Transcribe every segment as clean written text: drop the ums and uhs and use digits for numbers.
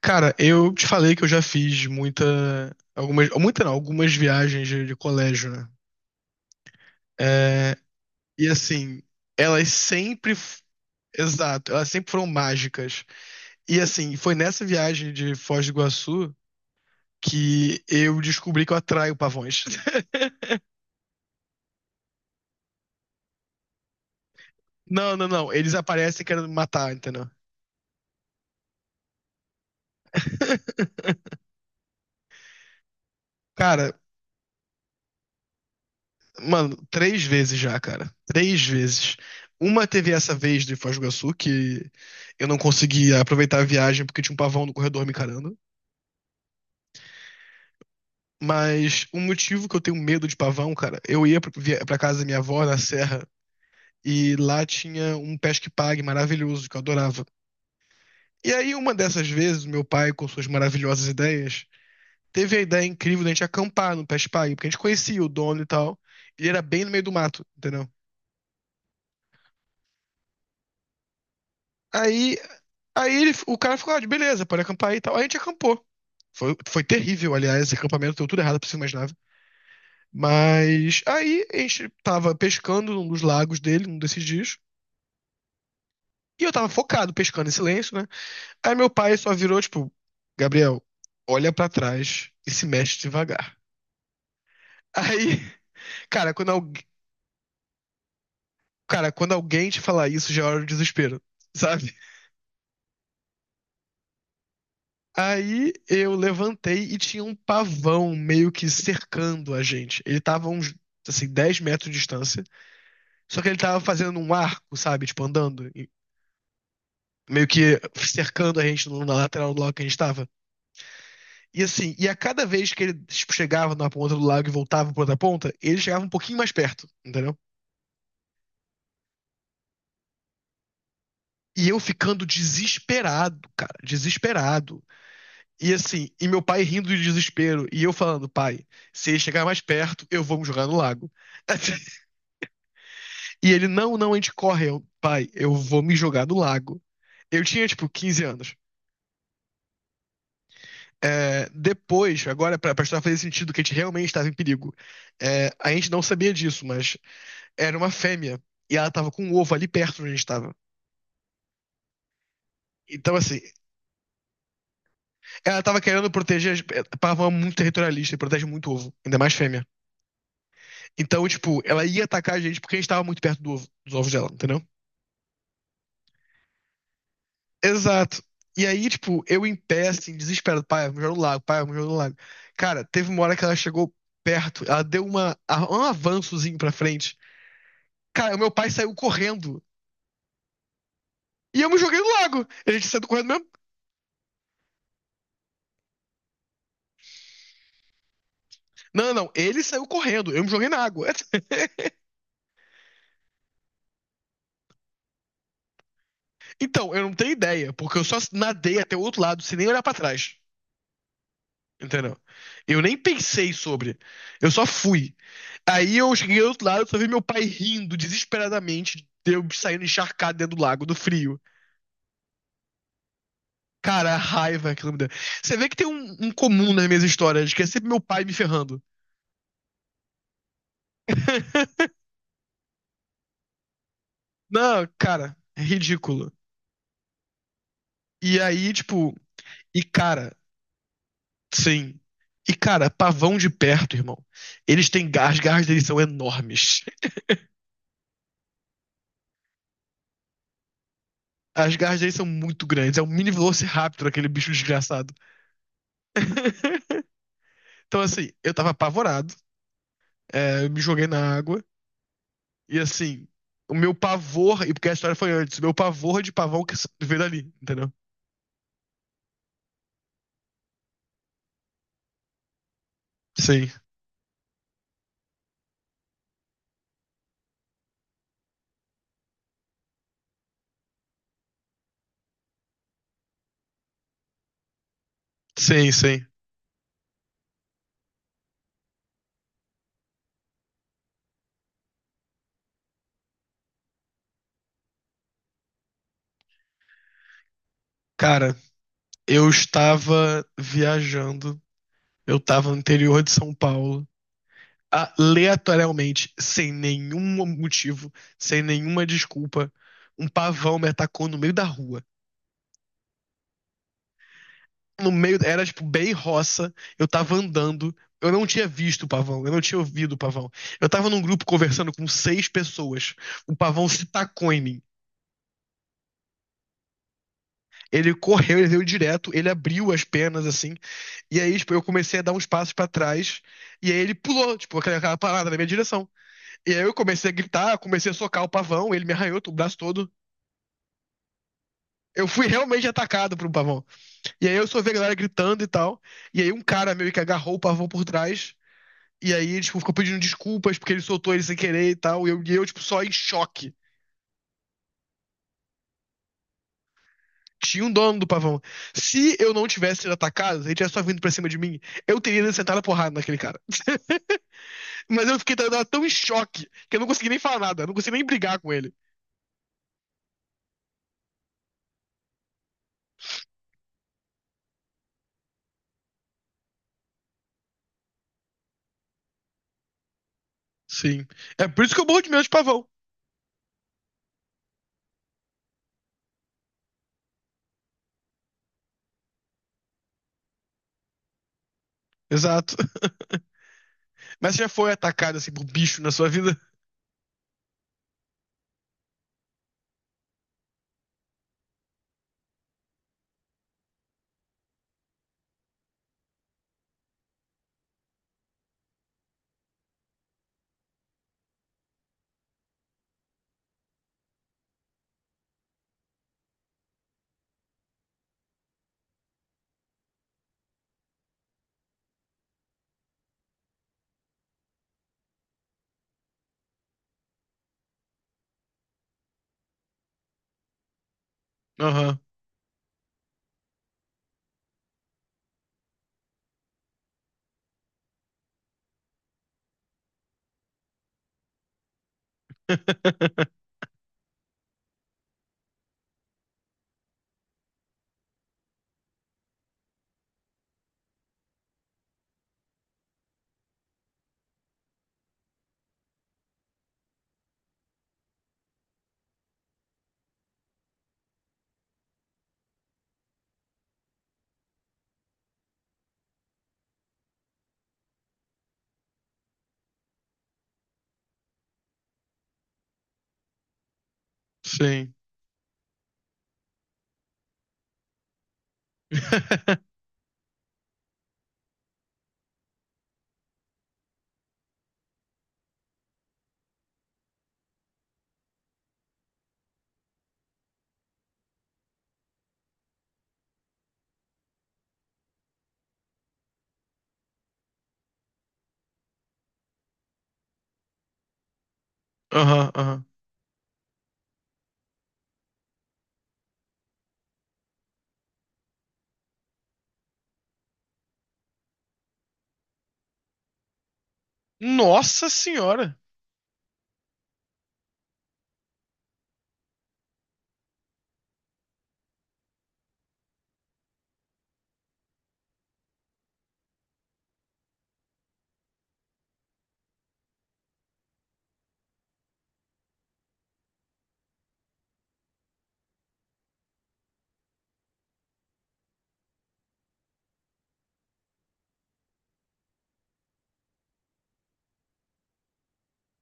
Cara, eu te falei que eu já fiz muita, algumas, muita não, algumas viagens de colégio, né? É, e assim, elas sempre, exato, elas sempre foram mágicas. E assim, foi nessa viagem de Foz do Iguaçu que eu descobri que eu atraio pavões. Não, não, não, eles aparecem querendo me matar, entendeu? Cara, mano, três vezes já, cara. Três vezes. Uma teve essa vez de Foz do Iguaçu, que eu não conseguia aproveitar a viagem porque tinha um pavão no corredor me encarando. Mas um motivo que eu tenho medo de pavão, cara, eu ia pra casa da minha avó na serra, e lá tinha um pesque-pague maravilhoso que eu adorava. E aí, uma dessas vezes, meu pai, com suas maravilhosas ideias, teve a ideia incrível da gente acampar no pesque-pague, porque a gente conhecia o dono e tal. E ele era bem no meio do mato, entendeu? Aí Aí o cara ficou, ah, beleza, pode acampar aí e tal. Aí a gente acampou. Foi terrível, aliás, esse acampamento deu tudo errado pra você imaginar. Mas aí a gente tava pescando num dos lagos dele, num desses dias. E eu tava focado, pescando em silêncio, né? Aí meu pai só virou, tipo, Gabriel, olha pra trás e se mexe devagar. Aí, cara, cara, quando alguém te falar isso, já é hora do desespero, sabe? Aí eu levantei e tinha um pavão meio que cercando a gente. Ele tava a uns, assim, 10 metros de distância. Só que ele tava fazendo um arco, sabe? Tipo, andando, e meio que cercando a gente na lateral do lago que a gente tava. E assim, e a cada vez que ele, tipo, chegava na ponta do lago e voltava pra outra ponta, ele chegava um pouquinho mais perto, entendeu? E eu ficando desesperado, cara, desesperado. E assim, e meu pai rindo de desespero, e eu falando, pai, se ele chegar mais perto, eu vou me jogar no lago. E ele, não, não, a gente corre. Eu, pai, eu vou me jogar no lago. Eu tinha, tipo, 15 anos. É, depois, agora, pra história fazer sentido que a gente realmente estava em perigo, é, a gente não sabia disso, mas era uma fêmea. E ela tava com um ovo ali perto de onde a gente estava. Então, assim, ela tava querendo proteger. Pavão é muito territorialista e protege muito ovo, ainda mais fêmea. Então, tipo, ela ia atacar a gente porque a gente tava muito perto do ovo, dos ovos dela, entendeu? Exato. E aí, tipo, eu em pé, assim, desesperado. Pai, vamos jogar no lago, pai, vamos jogar no lago. Cara, teve uma hora que ela chegou perto, ela deu um avançozinho pra frente. Cara, o meu pai saiu correndo. E eu me joguei no lago. A gente saiu correndo mesmo. Não, não, não. Ele saiu correndo. Eu me joguei na água. Então, eu não tenho ideia, porque eu só nadei até o outro lado, sem nem olhar pra trás. Entendeu? Eu nem pensei sobre. Eu só fui. Aí eu cheguei do outro lado, só vi meu pai rindo desesperadamente, de eu saindo encharcado dentro do lago, do frio. Cara, a raiva que ela me deu. Você vê que tem um comum nas minhas histórias, que é sempre meu pai me ferrando. Não, cara, é ridículo. E aí, tipo, e cara, sim. E cara, pavão de perto, irmão. Eles têm garras, as garras deles são enormes. As garras deles são muito grandes. É um mini Velociraptor, aquele bicho desgraçado. Então, assim, eu tava apavorado. É, eu me joguei na água. E assim, o meu pavor, e porque a história foi antes, o meu pavor de pavão que veio dali, entendeu? Sim. Sim, sim. Cara, eu estava viajando, eu estava no interior de São Paulo, aleatoriamente, sem nenhum motivo, sem nenhuma desculpa, um pavão me atacou no meio da rua. No meio, era tipo bem roça, eu tava andando, eu não tinha visto o pavão, eu não tinha ouvido o pavão. Eu tava num grupo conversando com seis pessoas, o pavão se tacou em mim. Ele correu, ele veio direto, ele abriu as penas assim. E aí, tipo, eu comecei a dar uns passos pra trás. E aí ele pulou, tipo, aquela parada na minha direção. E aí eu comecei a gritar, comecei a socar o pavão, ele me arranhou o braço todo. Eu fui realmente atacado por um pavão. E aí eu só vi a galera gritando e tal. E aí um cara meio que agarrou o pavão por trás. E aí, tipo, ficou pedindo desculpas porque ele soltou ele sem querer e tal. E eu tipo, só em choque. Tinha um dono do pavão. Se eu não tivesse sido atacado, se ele tivesse só vindo pra cima de mim, eu teria sentado a porrada naquele cara. Mas eu tava tão em choque que eu não consegui nem falar nada, eu não consegui nem brigar com ele. Sim. É por isso que eu morro de medo de pavão. Exato. Mas você já foi atacado assim por bicho na sua vida? Aham. Sim. Aham, aham. Nossa senhora.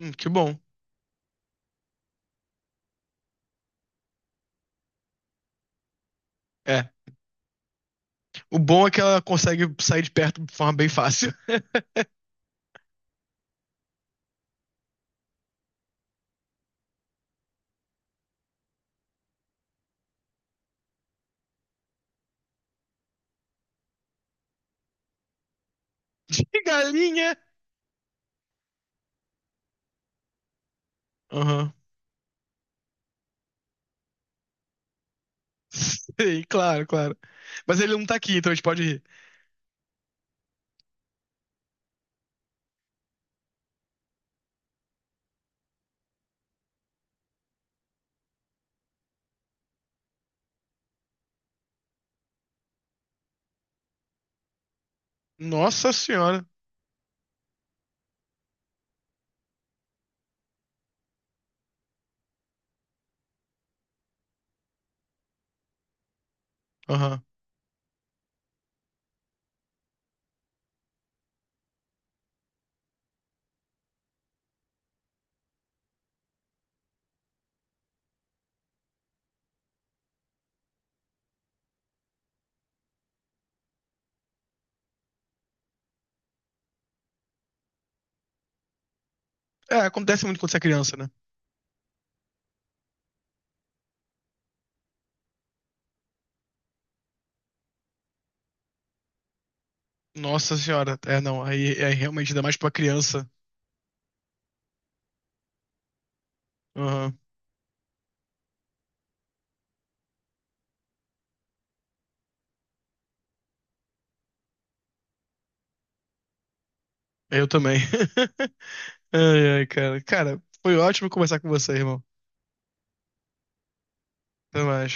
Que bom. É. O bom é que ela consegue sair de perto de forma bem fácil. De galinha. Aham. Sim, claro, claro. Mas ele não tá aqui, então a gente pode rir. Nossa senhora. Aham. É, acontece muito quando você é criança, né? Nossa senhora, é não, aí é realmente ainda mais pra criança. Aham, eu também. Ai, ai, cara. Cara, foi ótimo conversar com você, irmão. Até mais.